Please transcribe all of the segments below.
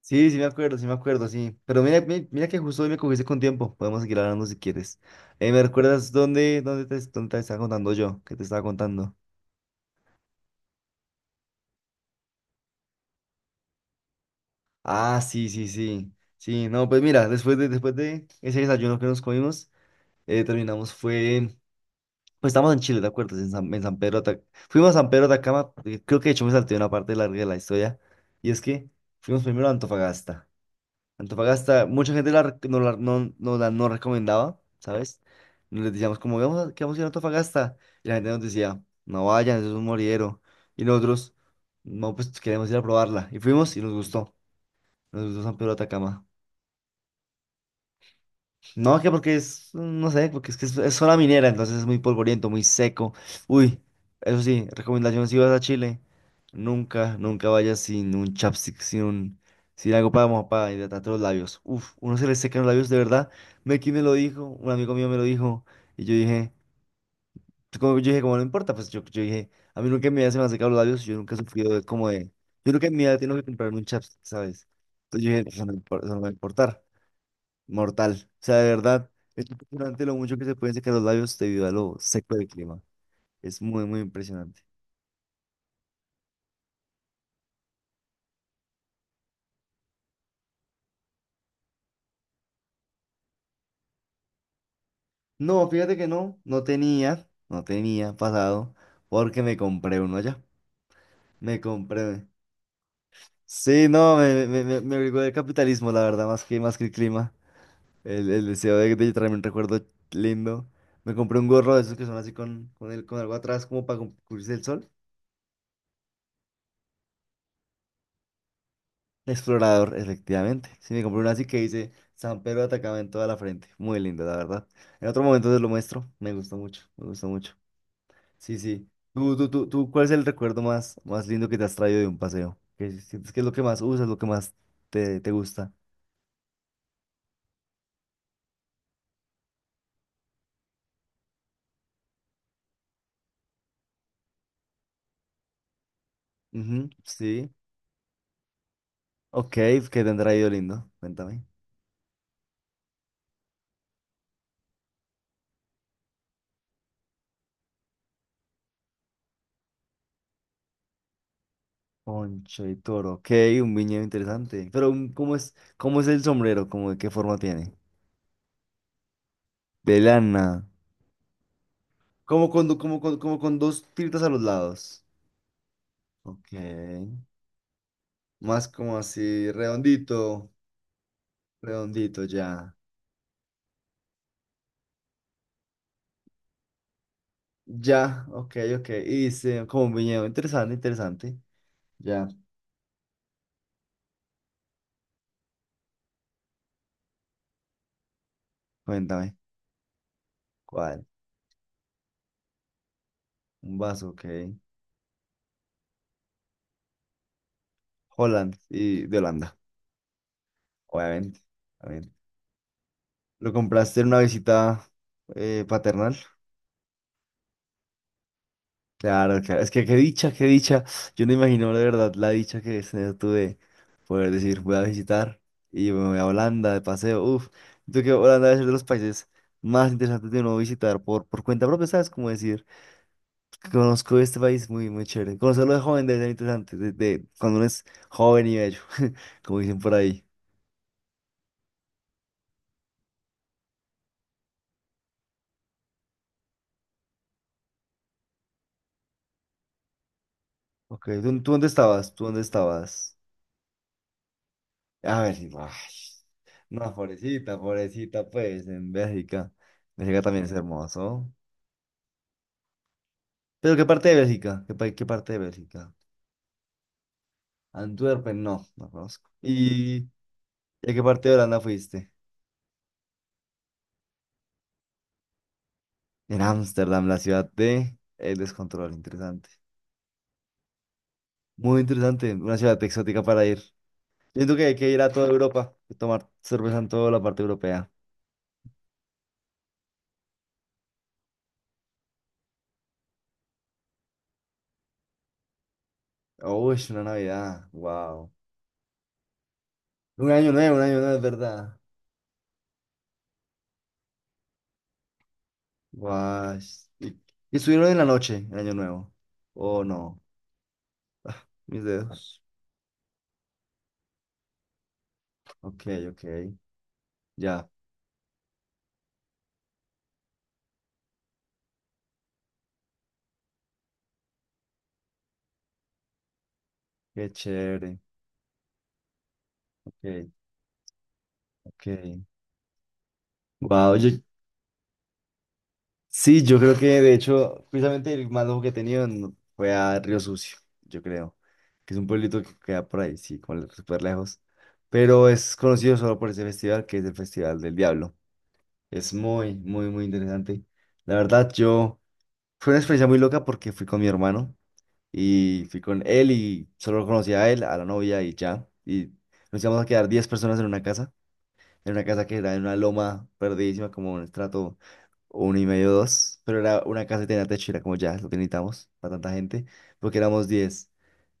Sí, sí me acuerdo, sí me acuerdo, sí. Pero mira, mira que justo hoy me cogiste con tiempo. Podemos seguir hablando si quieres. ¿Me recuerdas dónde te estaba contando yo? ¿Qué te estaba contando? Ah, sí, sí, sí. Sí, no, pues mira, después de ese desayuno que nos comimos, terminamos, fue, pues estamos en Chile, ¿te acuerdas? En San Pedro, de Atac- Fuimos a San Pedro de Atacama. Eh, creo que de hecho me salté una parte larga de la historia, y es que fuimos primero a Antofagasta. Antofagasta, mucha gente la, rec- no, la, no, no la no recomendaba, ¿sabes? Nos les decíamos como, vamos a, que vamos a ir a Antofagasta. Y la gente nos decía, no vayan, eso es un moridero. Y nosotros, no, pues queremos ir a probarla. Y fuimos y nos gustó. Nos gustó San Pedro de Atacama. No, que no sé, porque es que es zona minera, entonces es muy polvoriento, muy seco. Uy, eso sí, recomendación si vas a Chile, nunca, nunca vayas sin un chapstick, sin algo para hidratarte los labios. Uf, uno se le secan los labios, de verdad. Meki me lo dijo, un amigo mío me lo dijo, y yo dije, yo dije, como no importa, pues yo dije, a mí nunca en mi vida se me han secado los labios, yo nunca he sufrido yo nunca en mi vida tengo que comprarme un chapstick, ¿sabes? Entonces yo dije, "Pues, eso no va a importar." Mortal. O sea, de verdad, es impresionante lo mucho que se pueden secar los labios debido a lo seco del clima. Es muy, muy impresionante. No, fíjate que no, no tenía pasado, porque me compré uno allá. Me compré. Sí, no, me obligó el capitalismo, la verdad, más que el clima. El deseo de traerme un recuerdo lindo. Me compré un gorro de esos que son así con algo atrás, como para cubrirse el sol. Explorador, efectivamente. Sí, me compré una así que dice San Pedro de en toda la frente. Muy lindo, la verdad. En otro momento te lo muestro. Me gustó mucho, me gustó mucho. Sí, sí. Cuál es el recuerdo más, más lindo que te has traído de un paseo? ¿Qué sientes que es lo que más usas, lo que más te gusta? Ujú, sí. Ok, ¿qué te han traído lindo? Cuéntame. Poncho y toro. Ok, un viñedo interesante. Pero, ¿cómo es el sombrero? ¿ de qué forma tiene? De lana. Como con, do- como, con- Como con dos tiritas a los lados. Ok. Más como así, redondito, redondito, ya. Ya, ok, ok. Y dice, como un viñedo, interesante, interesante. Ya, cuéntame, ¿cuál? Un vaso, ok. Holland y de Holanda, obviamente. Obviamente. ¿Lo compraste en una visita paternal? Claro, claro. Es que qué dicha, qué dicha. Yo no imagino de verdad la dicha que es tener tú de poder decir, voy a visitar y me voy a Holanda de paseo. Uf, yo creo que Holanda debe ser de los países más interesantes de uno visitar por cuenta propia, ¿sabes? Como decir, conozco este país muy, muy chévere. Conocerlo de joven debe ser interesante, de cuando uno es joven y bello, como dicen por ahí. Ok, ¿tú dónde estabas? ¿Tú dónde estabas? A ver, sí, ay, no, pobrecita, pobrecita, pues, en Bélgica. Bélgica también es hermoso. ¿Pero qué parte de Bélgica? ¿ qué parte de Bélgica? Antwerpen, no, no conozco. ¿Y a qué parte de Holanda fuiste? En Ámsterdam, la ciudad de el descontrol, interesante. Muy interesante, una ciudad exótica para ir. Siento que hay que ir a toda Europa, y tomar cerveza en toda la parte europea. Uy, una Navidad, wow. Un año nuevo, es verdad. Guau. ¿Y, y estuvieron en la noche, el año nuevo? Oh, no. Ah, mis dedos. Ok, ok. Ya, qué chévere. Ok. Okay. Wow, yo, sí, yo creo que de hecho, precisamente el más loco que he tenido fue a Río Sucio, yo creo, que es un pueblito que queda por ahí, sí, como súper lejos, pero es conocido solo por ese festival que es el Festival del Diablo. Es muy, muy, muy interesante. La verdad, yo fue una experiencia muy loca porque fui con mi hermano y fui con él y solo conocía a él, a la novia y ya, y nos íbamos a quedar 10 personas en una casa. Era una casa que era en una loma perdidísima, como un estrato uno y medio, dos. Pero era una casa que tenía techo, y era como ya, lo que necesitamos para tanta gente, porque éramos 10.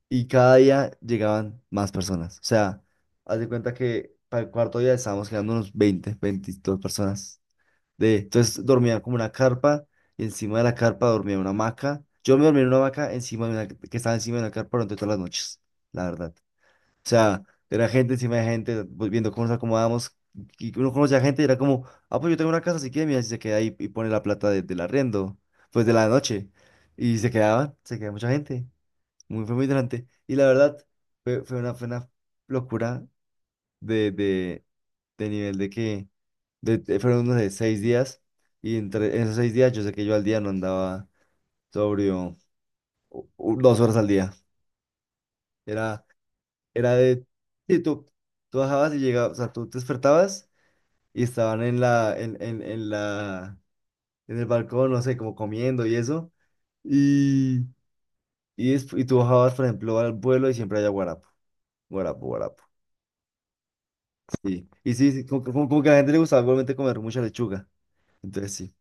Y cada día llegaban más personas. O sea, haz de cuenta que para el cuarto día estábamos quedando unos 20 22 personas. Entonces dormía como una carpa, y encima de la carpa dormía una hamaca. Yo me dormía en una hamaca encima de una, que estaba encima de una carpa durante todas las noches, la verdad. O sea, era gente encima de gente, pues, viendo cómo nos acomodamos. Y uno conoce a gente y era como, ah, pues yo tengo una casa, si quiere, mira, si se queda ahí y pone la plata del arriendo, pues de la noche. Y se quedaban, se quedaba mucha gente. Fue muy interesante. Y la verdad, fue una locura de, de, de nivel de que fueron, unos 6 días. Y entre en esos 6 días, yo sé que yo al día no andaba sobrio 2 horas al día. Era. Era de, sí, tú bajabas y llegabas, o sea, tú te despertabas y estaban en la, en la, en el balcón, no sé, como comiendo y eso. Y, y tú bajabas, por ejemplo, al vuelo y siempre había guarapo, guarapo, guarapo. Sí. Y sí, sí, como que a la gente le gustaba igualmente comer mucha lechuga. Entonces sí.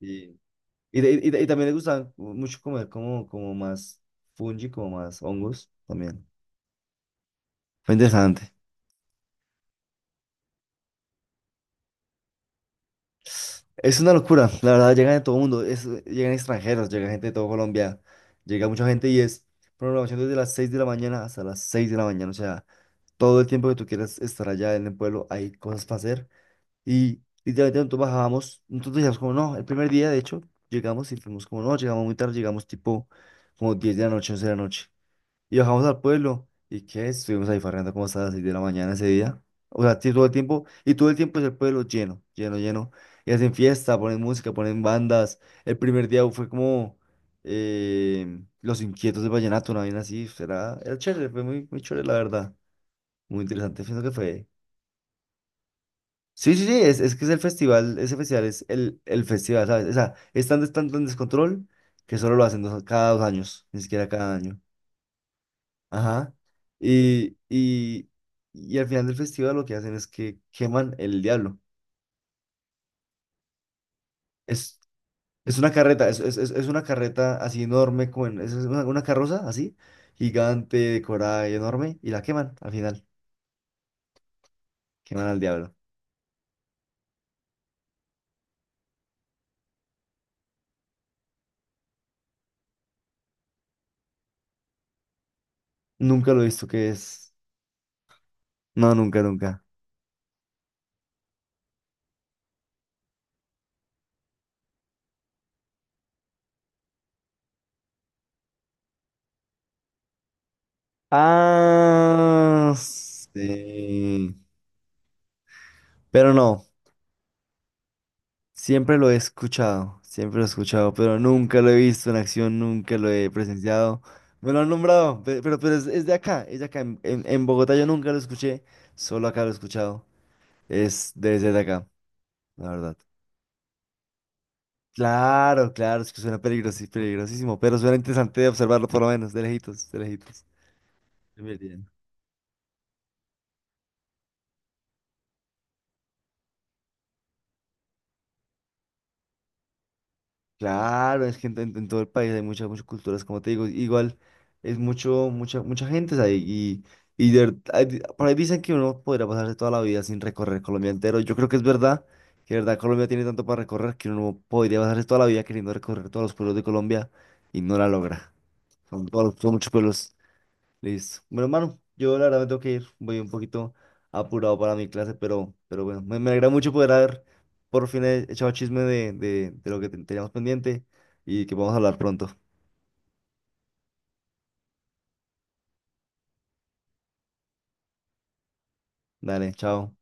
Y, y también le gustaba mucho comer como, más fungi, como más hongos también. Fue interesante. Es una locura, la verdad, llegan de todo el mundo, llegan extranjeros, llega gente de todo Colombia, llega mucha gente y es programación desde las 6 de la mañana hasta las 6 de la mañana, o sea, todo el tiempo que tú quieras estar allá en el pueblo hay cosas para hacer y literalmente nosotros bajábamos, nosotros decíamos como no, el primer día de hecho llegamos y fuimos como no, llegamos muy tarde, llegamos tipo como 10 de la noche, 11 de la noche y bajamos al pueblo. ¿Y qué? Estuvimos ahí farreando como hasta las 6 de la mañana ese día. O sea, sí, todo el tiempo. Y todo el tiempo es el pueblo lleno, lleno, lleno. Y hacen fiesta, ponen música, ponen bandas. El primer día fue como Los Inquietos de Vallenato, una vaina así. Era chévere, fue muy, muy chévere, la verdad. Muy interesante, pienso que fue. Sí, sí, sí, es que es el festival, ese festival es el festival, ¿sabes? O sea, es tan, tan, tan descontrol que solo lo hacen cada 2 años, ni siquiera cada año. Ajá. Y, y, y al final del festival lo que hacen es que queman el diablo. Es, es una carreta, es una carreta así enorme, es una carroza así, gigante, decorada y enorme, y la queman al final. Queman al diablo. Nunca lo he visto que es. No, nunca, nunca. Ah, sí. Pero no. Siempre lo he escuchado, siempre lo he escuchado, pero nunca lo he visto en acción, nunca lo he presenciado. Me lo han nombrado, pero es de acá, es de acá. En Bogotá yo nunca lo escuché, solo acá lo he escuchado. Es desde de acá, la verdad. Claro, claro, es que suena peligrosísimo, pero suena interesante de observarlo por lo menos, de lejitos, de lejitos. Claro, es que en todo el país hay muchas, muchas culturas, como te digo, igual es mucho, mucha, mucha gente, o sea, y de ver- hay di- por ahí dicen que uno podría pasarse toda la vida sin recorrer Colombia entero. Yo creo que es verdad, que de verdad Colombia tiene tanto para recorrer que uno no podría pasarse toda la vida queriendo recorrer todos los pueblos de Colombia y no la logra. Son muchos pueblos. Listo. Bueno, hermano, yo la verdad me tengo que ir. Voy un poquito apurado para mi clase, pero bueno, me alegra mucho poder haber por fin echado chisme de lo que teníamos pendiente y que podamos hablar pronto. Dale, chao.